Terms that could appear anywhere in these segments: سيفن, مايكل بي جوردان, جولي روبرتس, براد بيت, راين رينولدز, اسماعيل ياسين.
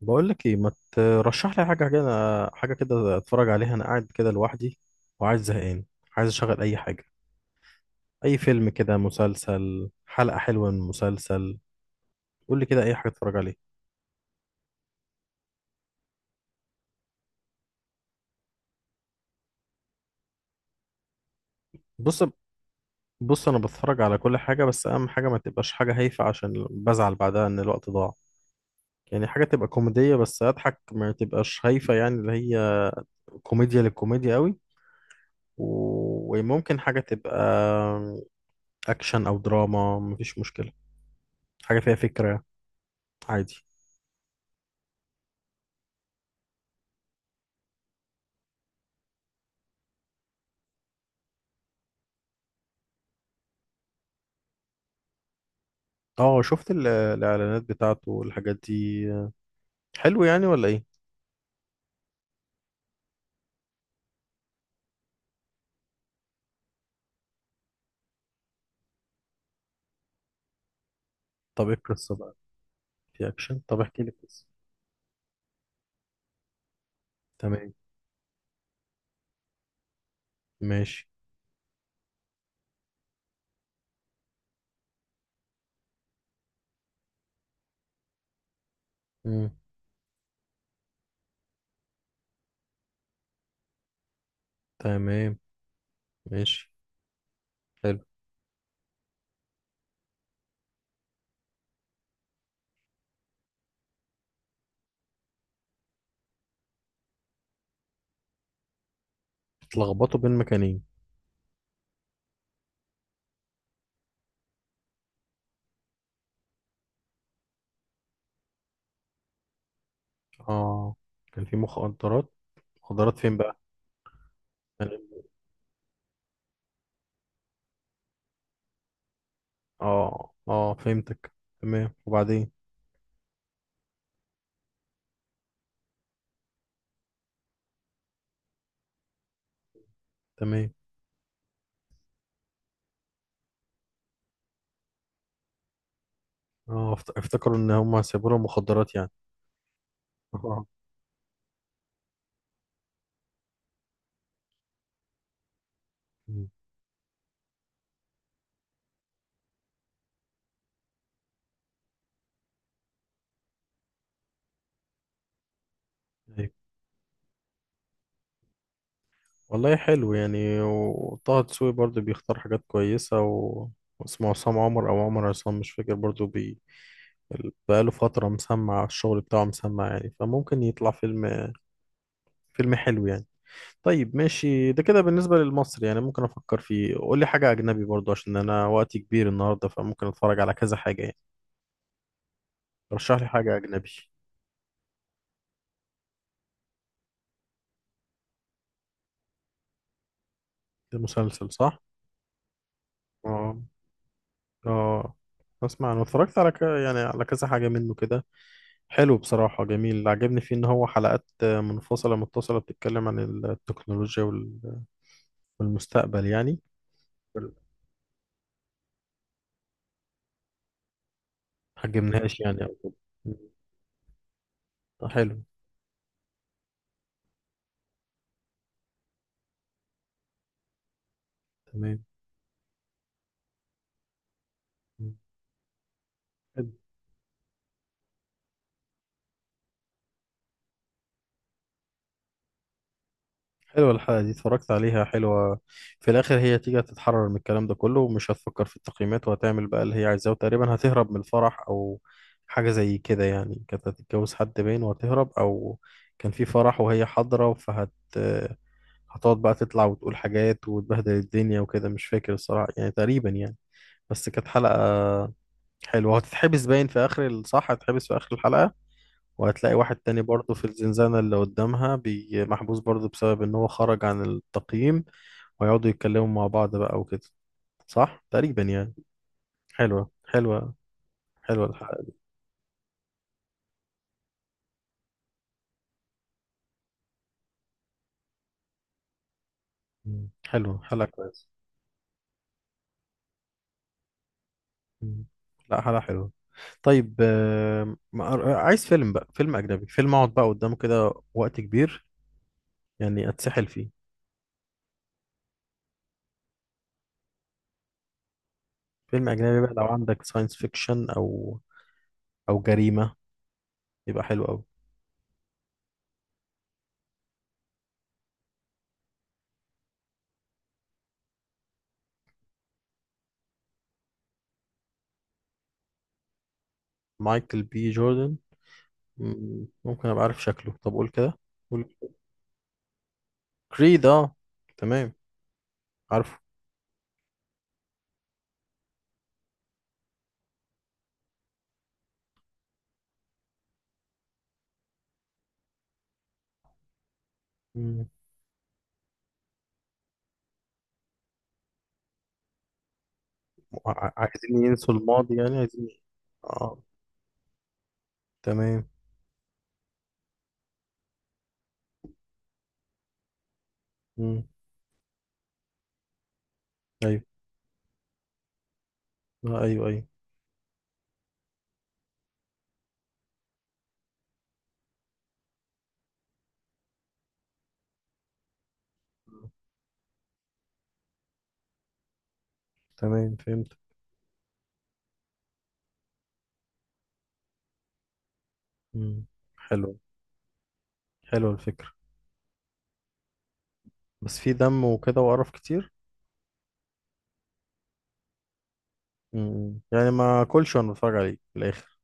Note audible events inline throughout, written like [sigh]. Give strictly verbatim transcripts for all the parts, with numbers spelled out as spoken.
بقول لك ايه، ما ترشح لي حاجه كده. حاجه كده اتفرج عليها، انا قاعد كده لوحدي وعايز زهقان. عايز اشغل اي حاجه، اي فيلم كده، مسلسل، حلقه حلوه من مسلسل. قول لي كده اي حاجه اتفرج عليها. بص بص انا بتفرج على كل حاجه، بس اهم حاجه ما تبقاش حاجه هايفه عشان بزعل بعدها ان الوقت ضاع. يعني حاجه تبقى كوميديه بس اضحك، ما تبقاش هايفه يعني، اللي هي كوميديا للكوميديا قوي. و- وممكن حاجه تبقى اكشن او دراما، مفيش مشكله، حاجه فيها فكره عادي. اه، شفت ال- الاعلانات بتاعته والحاجات دي. حلو يعني ولا ايه؟ طب ايه القصه بقى؟ في اكشن؟ طب احكي لي القصه. تمام. ماشي. مم. تمام. ماشي. حلو. اتلخبطوا بين مكانين؟ اه. كان في مخدرات؟ مخدرات فين بقى؟ يعني اه اه، فهمتك. تمام، وبعدين؟ تمام. اه، افت- افتكروا ان هم هيسيبوا لهم مخدرات يعني؟ [laughs] اه. مم. والله حلو يعني، وطه دسوقي برضه بيختار حاجات كويسة و... واسمه عصام عمر أو عمر عصام، مش فاكر برضه، بي... ال- بقاله فترة مسمع الشغل بتاعه، مسمع يعني، فممكن يطلع فيلم، فيلم حلو يعني. طيب، ماشي، ده كده بالنسبة للمصري يعني. ممكن أفكر فيه. قول لي حاجة أجنبي برضه، عشان أنا وقتي كبير النهاردة، فممكن أتفرج على كذا حاجة يعني. رشح لي حاجة أجنبي. المسلسل صح؟ اه. اه. أسمع، أنا اتفرجت على ك... يعني على كذا حاجة منه كده. حلو بصراحة، جميل. اللي عجبني فيه إن هو حلقات منفصلة متصلة، بتتكلم عن التكنولوجيا وال- والمستقبل يعني. ما عجبنيهاش يعني أو كده. مم. حلو. تمام. مم. حلو- حلوة الحلقة دي، اتفرجت عليها، حلوة. في الآخر هي تيجي هتتحرر من الكلام ده كله، ومش هتفكر في التقييمات، وهتعمل بقى اللي هي عايزاه، وتقريبا هتهرب من الفرح أو حاجة زي كده يعني. كانت هتتجوز حد باين، وهتهرب، أو كان في فرح وهي حاضرة، فهت، هتقعد بقى تطلع وتقول حاجات وتبهدل الدنيا وكده، مش فاكر الصراحة يعني، تقريبا يعني. بس كانت حلقة حلوة. هتتحبس باين في آخر ال- صح، هتتحبس في آخر الحلقة، وهتلاقي واحد تاني برضه في الزنزانة اللي قدامها، بي- محبوس برضه بسبب إن هو خرج عن التقييم. ويقعدوا يتكلموا مع بعض بقى وكده. صح تقريبا يعني. حلوة، حلوة. حلوة الحلقة دي. مم. حلوة، حلقة كويسة. مم. لا، حلقة حلوة. طيب، آم، ما- عايز فيلم بقى، فيلم أجنبي، فيلم أقعد بقى قدامه كده وقت كبير، يعني اتسحل فيه. فيلم اجنبي بقى، لو عندك ساينس فيكشن او او جريمة، يبقى حلو قوي. مايكل بي جوردن؟ مم، ممكن ابقى عارف شكله، طب قول كده. قول. كريد، اه، تمام، عارفه. مم. ع- عايزين ينسوا الماضي يعني، عايزين. اه، تمام. مم. ايوه. آه ايوه، ايوه. تمام، فهمت. مم. حلو. حلو الفكرة. بس في دم وكده وقرف كتير؟ مم. يعني ما كلش وانا بتفرج عليه في الاخر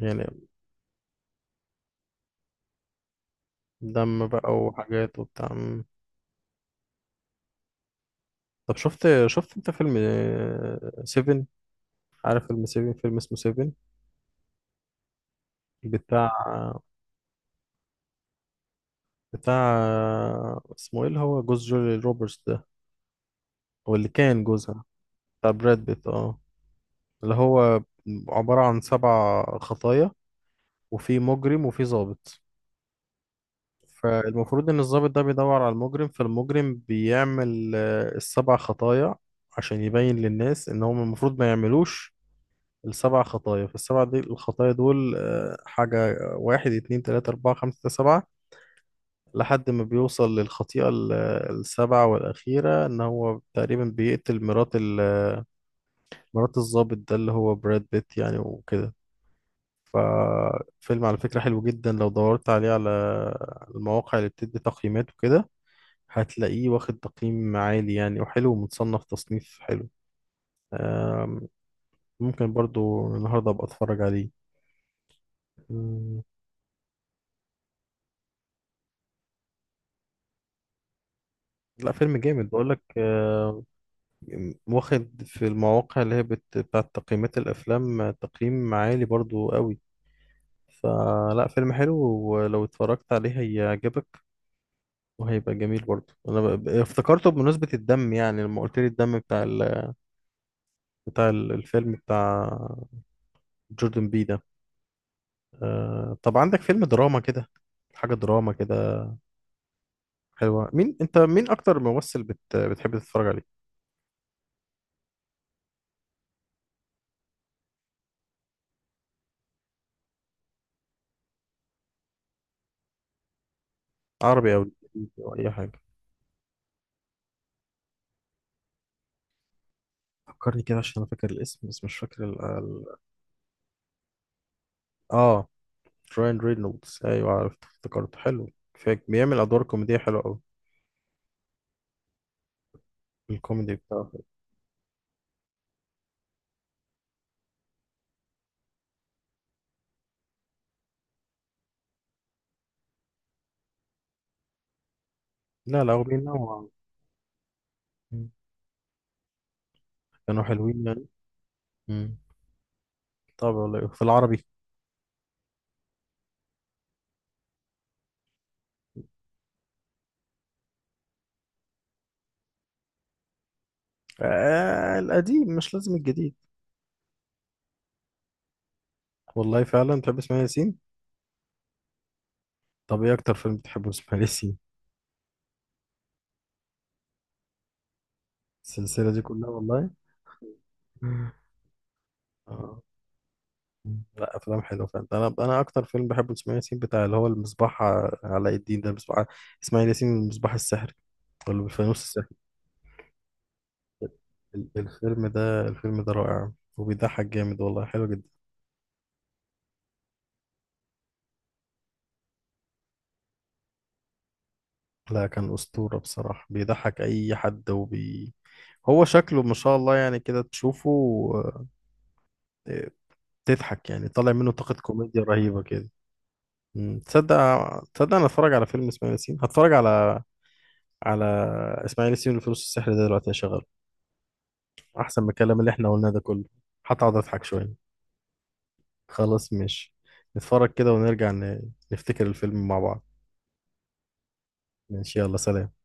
يعني. دم بقى وحاجات وبتاع. طب شفت، شفت انت فيلم آه، سيفن؟ عارف فيلم سيفن، فيلم اسمه سيفن، بتاع، بتاع اسمه ايه اللي هو جوز جولي روبرتس ده، هو اللي كان جوزها. بتاع براد بيت، اه، اللي هو عبارة عن سبع خطايا، وفي مجرم وفي ضابط. فالمفروض ان الضابط ده بيدور على المجرم، فالمجرم بيعمل آه، السبع خطايا عشان يبين للناس ان هم المفروض ما يعملوش السبع خطايا. فالسبع دي الخطايا دول آه، حاجة، آه، واحد اتنين تلاتة أربعة خمسة ستة سبعة، لحد ما بيوصل للخطيئة ال- السابعة والأخيرة، إن هو تقريبا بيقتل مرات ال- مرات الضابط ده اللي هو براد بيت يعني وكده. ففيلم على فكرة حلو جدا. لو دورت عليه على المواقع اللي بتدي تقييمات وكده، هتلاقيه واخد تقييم عالي يعني، وحلو، ومتصنف تصنيف حلو. آم، ممكن برضو النهاردة أبقى أتفرج عليه. لا، فيلم جامد بقول لك. آه، واخد في المواقع اللي هي بت... بتاعت تقييمات الافلام آه، تقييم عالي برضو قوي. فلا، فيلم حلو، ولو اتفرجت عليه هيعجبك وهيبقى جميل. برضو انا ب... ب- افتكرته بمناسبة الدم يعني، لما قلت لي الدم بتاع ال... بتاع ال- الفيلم بتاع جوردن بي ده. آه، طب عندك فيلم دراما كده، حاجة دراما كده حلوة؟ مين انت، مين اكتر ممثل بت... بتحب تتفرج عليه؟ عربي او أو اي حاجة؟ فكرني كده، عشان انا فاكر الاسم بس مش فاكر ال... ال... اه، راين رينولدز، ايوه، عرفت، افتكرت. حلو، فاك بيعمل ادوار كوميديه حلوه قوي. الكوميدي بتاعه. لا لا، هو بينوع. مم. كانوا حلوين يعني. مم. طب والله في العربي؟ آه القديم، مش لازم الجديد. والله فعلا بتحب اسماعيل ياسين؟ طب ايه اكتر فيلم بتحبه اسماعيل ياسين؟ السلسله دي كلها والله. آه. لا، افلام حلوه فعلا. انا انا اكتر فيلم بحبه لاسماعيل ياسين بتاع اللي هو المصباح، علاء الدين ده، المصباح، اسماعيل ياسين المصباح السحري، ولا بالفانوس السحري. ال- الفيلم ده، الفيلم ده رائع، وبيضحك جامد، والله حلو جدا. لا، كان اسطوره بصراحه، بيضحك اي حد، وبي، هو شكله ما شاء الله يعني، كده تشوفه آه، تضحك يعني. طالع منه طاقه كوميديا رهيبه كده. مم. تصدق، تصدق انا اتفرج على فيلم اسماعيل ياسين؟ هتفرج على، على اسماعيل ياسين والفانوس السحري ده دلوقتي، هشغله، احسن من الكلام اللي احنا قلناه ده كله. هتقعد اضحك شويه. خلاص، ماشي، نتفرج كده ونرجع ن... نفتكر الفيلم مع بعض. ماشي، يلا، سلام.